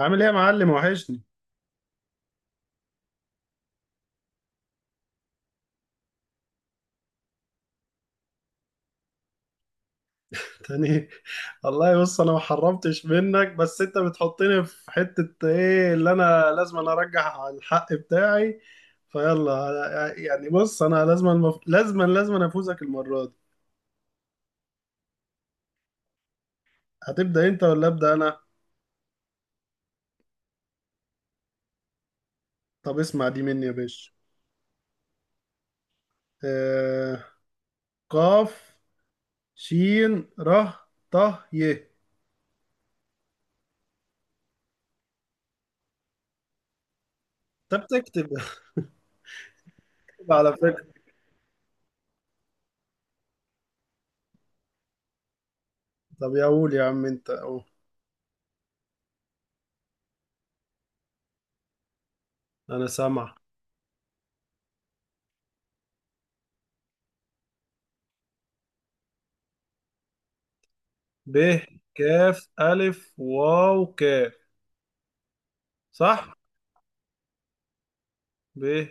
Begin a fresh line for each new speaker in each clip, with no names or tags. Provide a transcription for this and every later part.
عامل ايه يا معلم؟ وحشني. تاني. والله بص انا ما حرمتش منك، بس انت بتحطني في حتة ايه؟ اللي انا لازم أنا ارجع الحق بتاعي. فيلا يعني، بص انا لازم لازم أنا افوزك المرة دي. هتبدأ انت ولا ابدأ انا؟ طب اسمع دي مني يا باشا. آه... قاف، شين، ره، طه، ي. انت بتكتب؟ على فكرة. طب يا قول يا عم انت اهو. انا سامع. ب، كاف، ألف، واو، كاف. صح. ب،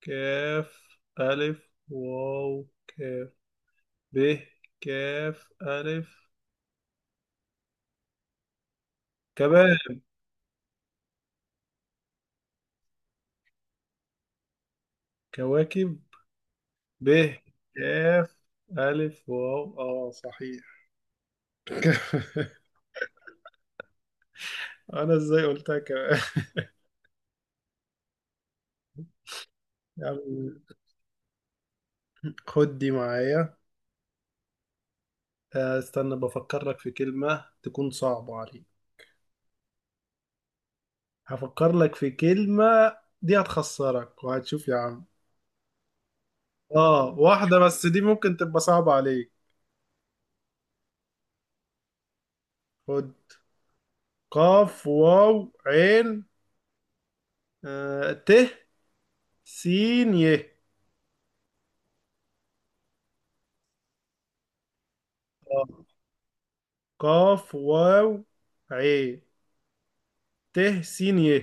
كاف، ألف، واو، كاف. ب، كاف، ألف. كباب. كواكب. ب، كاف، ألف، واو، اه صحيح. أنا ازاي قلتها كمان؟ يعني خد دي معايا. استنى بفكر لك في كلمة تكون صعبة عليك. هفكر لك في كلمة، دي هتخسرك وهتشوف يا عم. اه، واحدة بس دي ممكن تبقى صعبة عليك. خد، قاف، واو، عين، ت، سين، ي. آه، قاف، واو، عين، ت، سين، ي.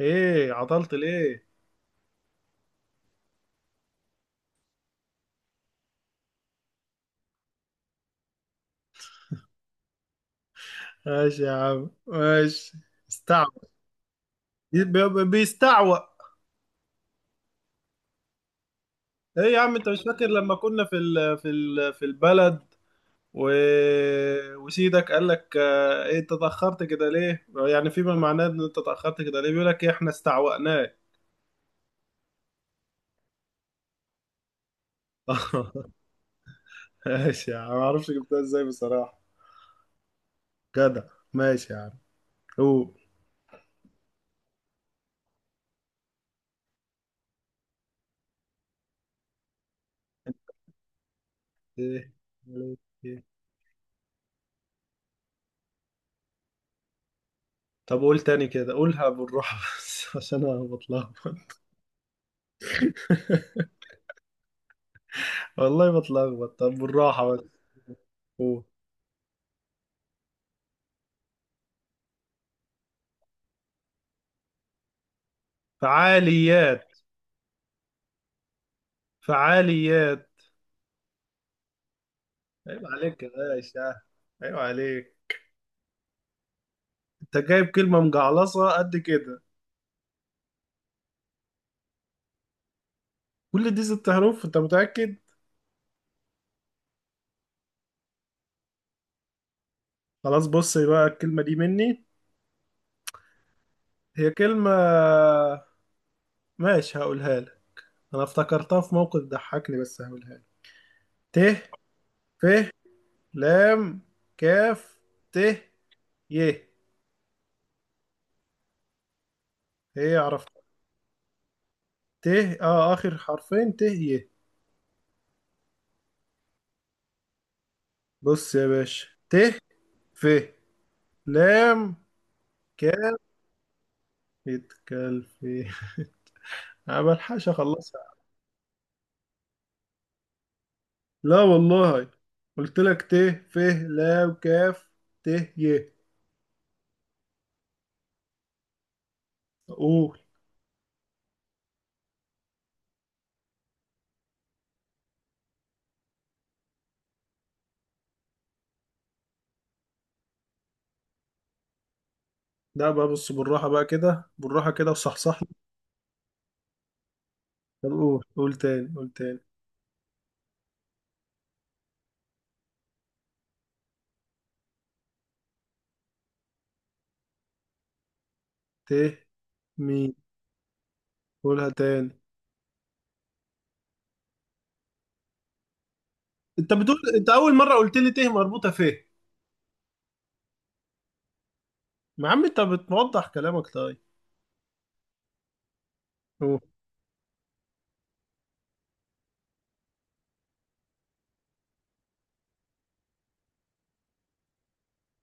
ايه؟ عطلت ليه؟ ماشي يا عم، ماشي. استعوى. بيستعوى. ايه يا عم، انت مش فاكر لما كنا في البلد و... وسيدك قال لك، ايه انت اتاخرت كده ليه؟ يعني فيما معناه ان انت اتاخرت كده ليه؟ بيقول لك، إيه، احنا استعوأناه. ماشي يا عم، ما اعرفش جبتها ازاي بصراحة. جدع. ماشي يا عم. قول. انت؟ إيه؟ عليك؟ إيه؟ طب قول تاني كده، قولها بالراحة بس عشان أنا بتلخبط. والله بتلخبط، طب بالراحة بس. قول. فعاليات. فعاليات. عيب عليك يا باشا، عيب عليك. أنت جايب كلمة مجعلصة قد كده. كل دي ست حروف؟ أنت متأكد؟ خلاص بص بقى، الكلمة دي مني. هي كلمة، ماشي هقولها لك. أنا افتكرتها في موقف ضحكني، بس هقولها لك. ت، ف، لام، كاف، ت، ي. هي عرفت. ت، اه اخر حرفين، ت، ي. بص يا باشا، ت، ف، لام، كاف. يتكل في انا بلحقش اخلصها. لا والله، قلت لك ت، ف، لام، كاف، ت، ي. قول. لا بقى، بص بالراحة بقى كده، بالراحة كده وصحصح لي. طب قول قول تاني، قول تاني. ت، مين؟ قولها تاني. انت بتقول انت اول مرة قلت لي ت مربوطة ف. ما عم انت بتوضح كلامك، طيب.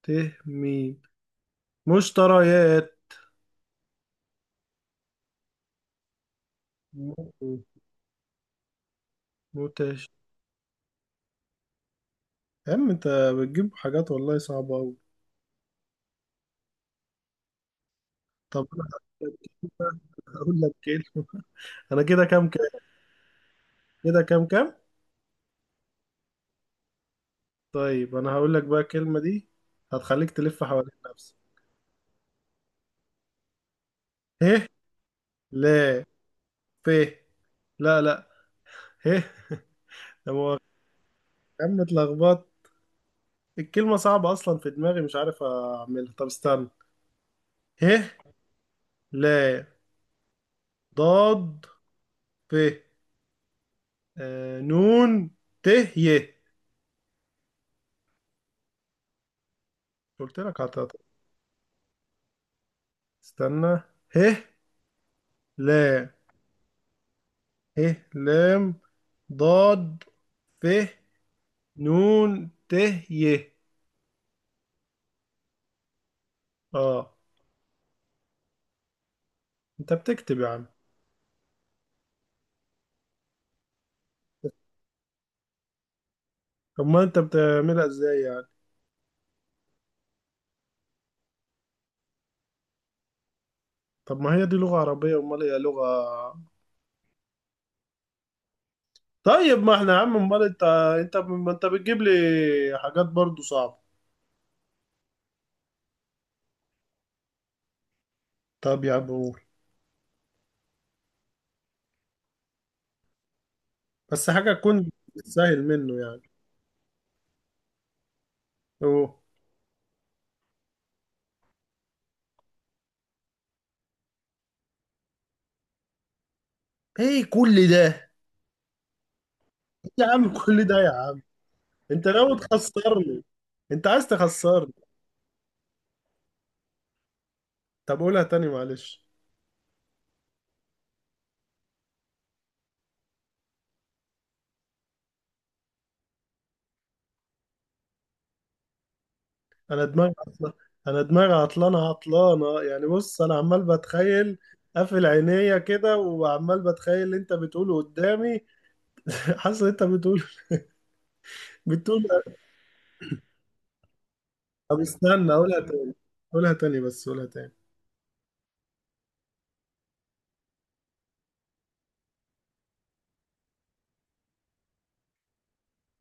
متهمين. مشتريات. م- متش يا عم انت بتجيب حاجات والله صعبة أوي. طب انا هقول لك كلمة. انا كده كام كام؟ كده كام كام؟ طيب انا هقول لك بقى الكلمة دي، هتخليك تلف حوالين نفسك. ه، لا، ف، لا، لا، ه يا مؤاخذة. يا عم اتلخبطت، الكلمة صعبة أصلا، في دماغي مش عارف أعملها. طب استنى. ه، لا، ضاد، ف، نون، ت، ي. قلت لك هتقطع. استنى. ه، لا، ه، لام، ضاد، ف، نون، ت، ي. اه. انت بتكتب يا عم؟ طب ما انت بتعملها ازاي يعني؟ طب ما هي دي لغة عربية، امال هي لغة؟ طيب ما احنا يا عم، امال انت؟ انت ما انت بتجيب لي حاجات برضو صعبة. طب يا عم قول، بس حاجة تكون سهل منه يعني. اوه. ايه كل ده؟ إيه يا عم كل ده يا عم؟ انت ناوي تخسرني؟ انت عايز تخسرني؟ طب قولها تاني معلش. انا دماغي عطلانه. انا دماغي عطلانه عطلانه، يعني بص انا عمال بتخيل، قافل عينيا كده وعمال بتخيل اللي انت بتقوله قدامي. حاسس ان انت بتقول، بتقول. طب استنى، قولها تاني، قولها تاني بس، قولها تاني.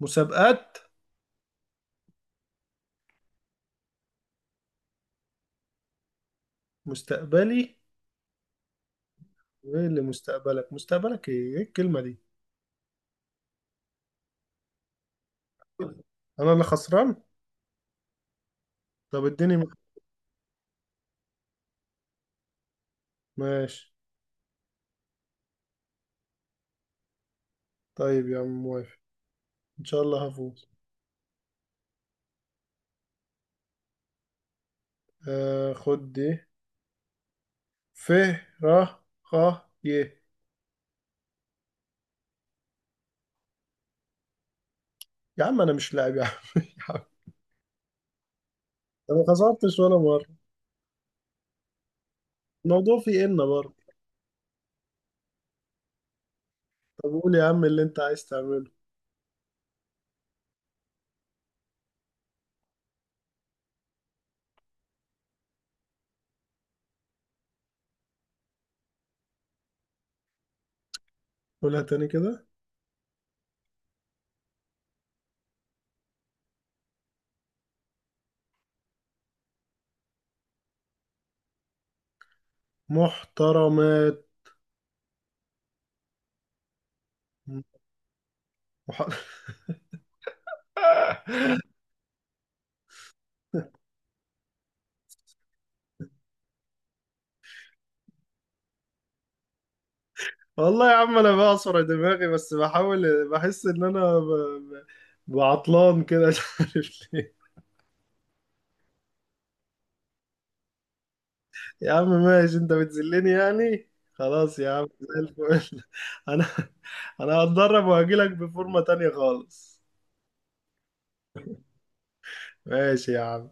مسابقات. مستقبلي. وايه اللي مستقبلك؟ مستقبلك ايه؟ ايه الكلمة دي؟ انا اللي خسران. طب اديني ماشي. طيب يا عم موافق، ان شاء الله هفوز. خد دي. ف، ر، خ، ي. يا عم انا مش لاعب يا عم يا عم انا ما خسرتش ولا مره، الموضوع فيه ان برضه. طب قول يا عم اللي انت عايز تعمله. قولها تاني كده. محترمات. مح... والله يا عم انا بعصر دماغي، بس بحاول بحس ان انا بعطلان كده مش عارف ليه. يا عم ماشي، انت بتذلني يعني، خلاص يا عم زي الفل. انا انا هتدرب وهجيلك بفورمة تانية خالص. ماشي يا عم.